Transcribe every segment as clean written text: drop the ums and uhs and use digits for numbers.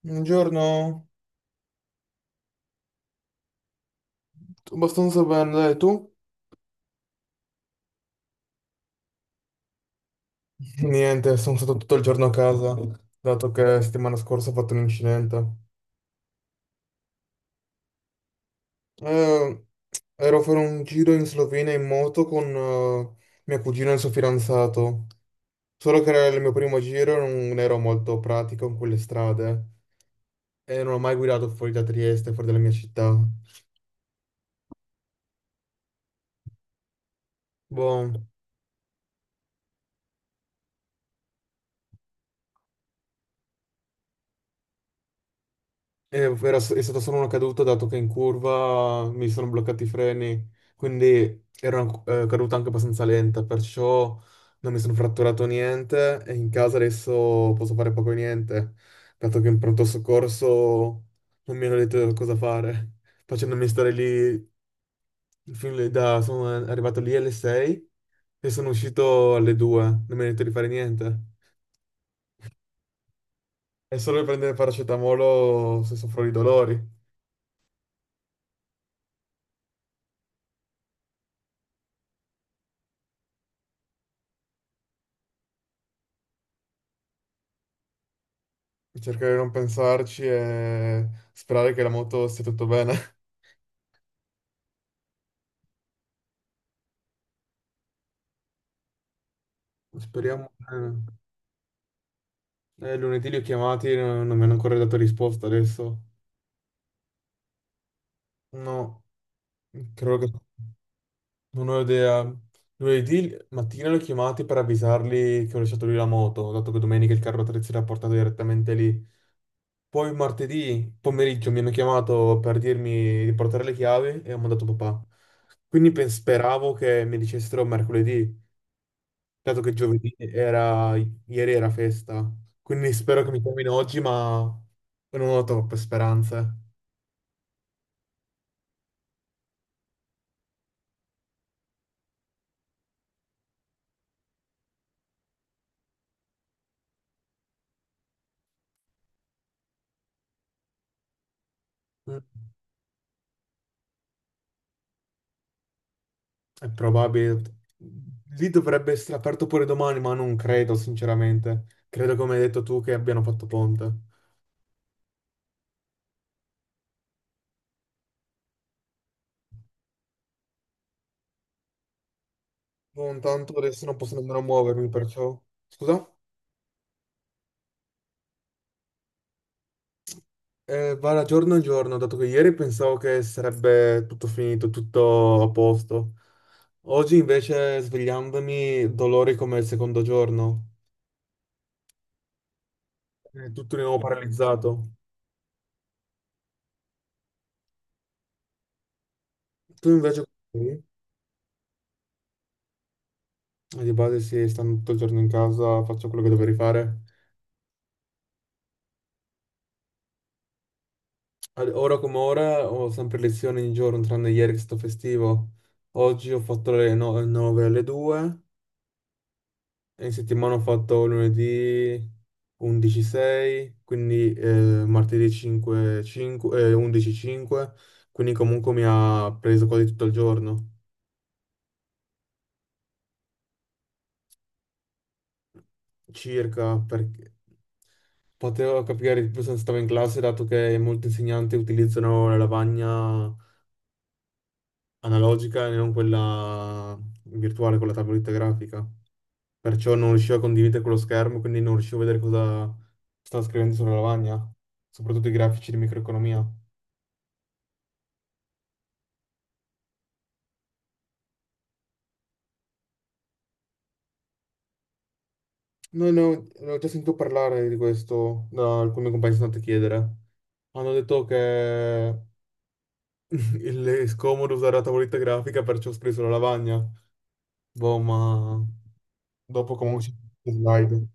Buongiorno. Tutto abbastanza bene, dai, tu? Niente, sono stato tutto il giorno a casa, dato che settimana scorsa ho fatto un incidente. Eh, Ero a fare un giro in Slovenia in moto con mio cugino e il suo fidanzato, solo che era il mio primo giro e non ero molto pratico in quelle strade e non ho mai guidato fuori da Trieste, fuori dalla mia città. Boh. Eh, è stata solo una caduta dato che in curva mi sono bloccati i freni, quindi era una caduta anche abbastanza lenta, perciò non mi sono fratturato niente e in casa adesso posso fare poco e niente, dato che in pronto soccorso non mi hanno detto cosa fare, facendomi stare lì, sono arrivato lì alle 6 e sono uscito alle 2, non mi hanno detto di fare niente. È solo per prendere paracetamolo se soffro di dolori. Cercare di non pensarci e sperare che la moto stia tutto bene. Speriamo. Lunedì li ho chiamati, non mi hanno ancora dato risposta adesso. No, credo che non ho idea. Lunedì mattina li ho chiamati per avvisarli che ho lasciato lì la moto, dato che domenica il carro attrezzi l'ha portato direttamente lì. Poi martedì pomeriggio mi hanno chiamato per dirmi di portare le chiavi e ho mandato papà. Speravo che mi dicessero mercoledì, dato che giovedì era, ieri era festa, quindi spero che mi chiamino oggi, ma non ho troppe speranze. Mm. È probabile. Lì dovrebbe essere aperto pure domani, ma non credo, sinceramente. Credo, come hai detto tu, che abbiano fatto ponte. Non tanto, adesso non posso nemmeno muovermi, perciò... Scusa? Va da giorno in giorno, dato che ieri pensavo che sarebbe tutto finito, tutto a posto. Oggi invece svegliandomi, dolori come il secondo giorno. È tutto di nuovo paralizzato. Tu invece, come sei? Di base, sì, stando tutto il giorno in casa, faccio quello che dovrei fare. Ora come ora ho sempre lezioni ogni giorno, tranne ieri che sto festivo. Oggi ho fatto le 9 alle 2 e in settimana ho fatto lunedì 11.6, quindi martedì 5, 5, 11.5, quindi comunque mi ha preso quasi tutto il giorno, circa perché... Potevo capire di più se stavo in classe, dato che molti insegnanti utilizzano la lavagna analogica e non quella virtuale con la tavoletta grafica. Perciò non riuscivo a condividere quello schermo, quindi non riuscivo a vedere cosa stava scrivendo sulla lavagna, soprattutto i grafici di microeconomia. No, no, ne ho già sentito parlare di questo da alcuni compagni che sono andato a chiedere. Hanno detto che è scomodo usare la tavoletta grafica, perciò ho scritto sulla lavagna. Boh, ma dopo comunque ci sono le slide.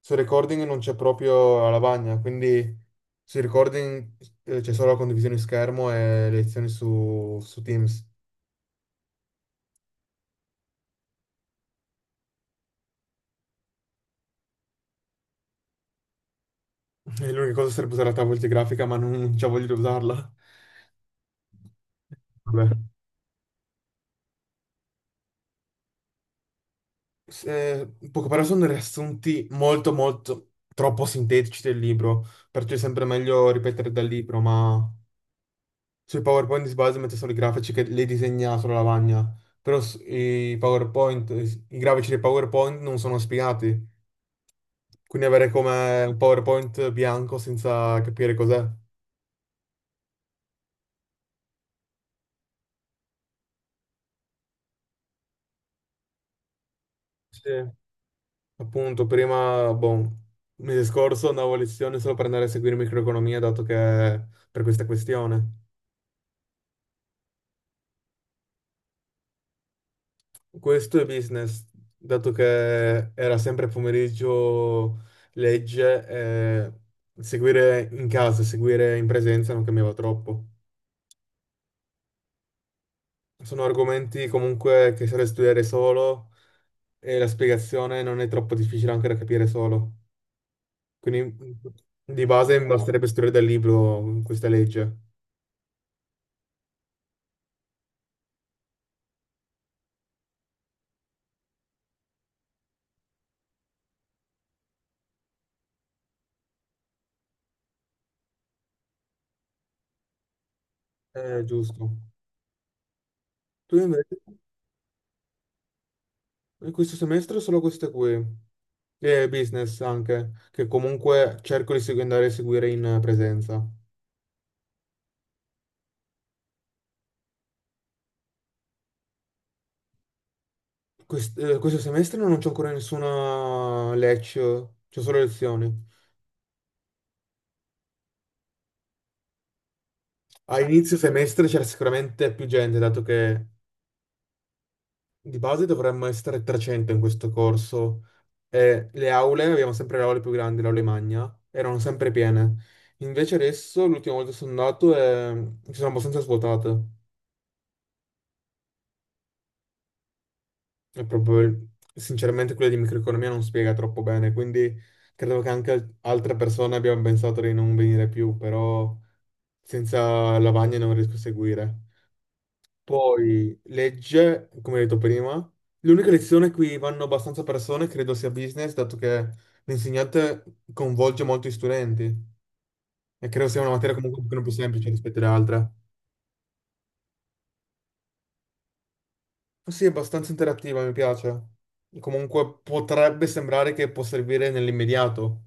Sul recording non c'è proprio la lavagna, quindi sul recording c'è solo la condivisione schermo e le lezioni su Teams. E l'unica cosa sarebbe usare la tavoletta grafica, ma non c'ho voglia di usarla. Vabbè. Poco, però sono dei riassunti molto, molto troppo sintetici del libro, perciò è sempre meglio ripetere dal libro, ma sui PowerPoint di base mette solo i grafici che le disegna sulla lavagna, i PowerPoint, i grafici dei PowerPoint non sono spiegati. Quindi avere come un PowerPoint bianco senza capire cos'è. Sì, appunto, prima, boh, mese scorso andavo a lezione solo per andare a seguire microeconomia, dato che per questa questione. Questo è business, dato che era sempre pomeriggio legge, seguire in casa, seguire in presenza non cambiava troppo. Sono argomenti comunque che serve studiare solo e la spiegazione non è troppo difficile anche da capire solo. Quindi di base mi basterebbe scrivere dal libro questa legge. Giusto. Tu invece, in questo semestre solo queste qui, e business anche, che comunque cerco di andare a seguire in presenza. Questo semestre non c'ho ancora nessuna lecture, c'ho solo lezioni. A inizio semestre c'era sicuramente più gente, dato che di base dovremmo essere 300 in questo corso e le aule, abbiamo sempre le aule più grandi, le aule magna, erano sempre piene. Invece adesso, l'ultima volta che sono andato, ci sono abbastanza svuotate. E proprio, sinceramente, quella di microeconomia non spiega troppo bene, quindi credo che anche altre persone abbiano pensato di non venire più, però senza la lavagna non riesco a seguire. Poi legge, come detto prima, l'unica lezione qui vanno abbastanza persone credo sia business, dato che l'insegnante coinvolge molto gli studenti e credo sia una materia comunque un pochino più semplice rispetto alle altre. Sì, è abbastanza interattiva, mi piace. Comunque potrebbe sembrare che può servire nell'immediato,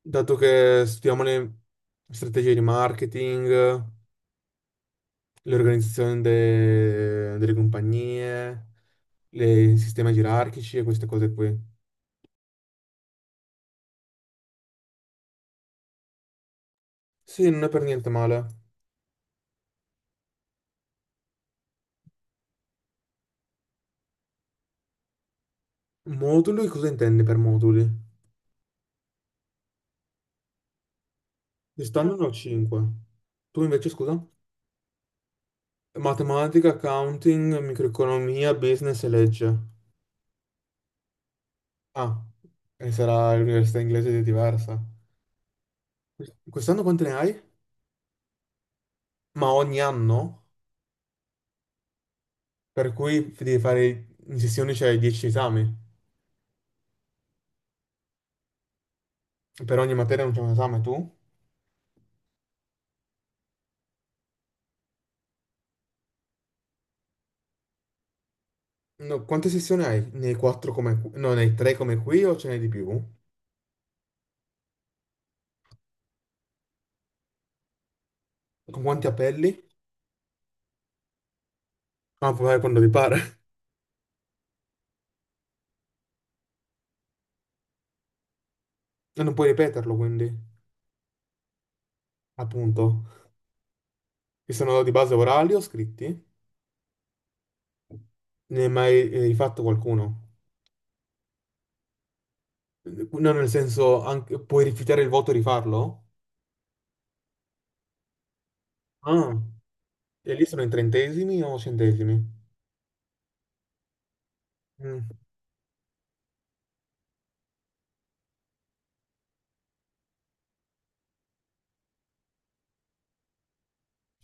dato che studiamo le strategie di marketing, delle compagnie, i sistemi gerarchici e queste cose qui. Sì, non è per niente male. Moduli, cosa intendi per moduli? Quest'anno ne ho 5. Tu invece, scusa? Matematica, accounting, microeconomia, business e legge. Ah, e sarà l'università inglese di diversa. Quest'anno quante ne hai? Ma ogni anno? Per cui devi fare in sessioni c'è 10 esami. Per ogni materia non c'è un esame tu? No, quante sessioni hai? Ne hai 4 come qui? No, ne hai 3 come qui o ce n'hai di più? Con quanti appelli? Ah, puoi fare quando ti pare. E non puoi ripeterlo, quindi, appunto. Che sono di base orali o scritti? Ne hai mai rifatto qualcuno? No, nel senso, puoi rifiutare il voto e rifarlo? Ah, e lì sono in trentesimi o centesimi? Mm.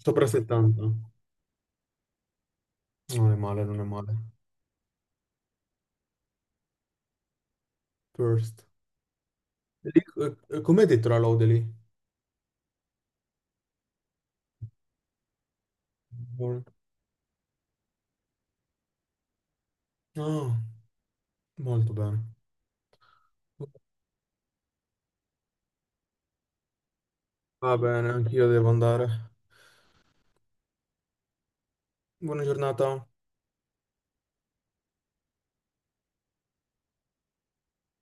Sopra 70. Non è male, non è male. First. E lì, com'è detto la lode lì? Buon- Ah, molto bene. Va bene, anch'io devo andare. Buona giornata.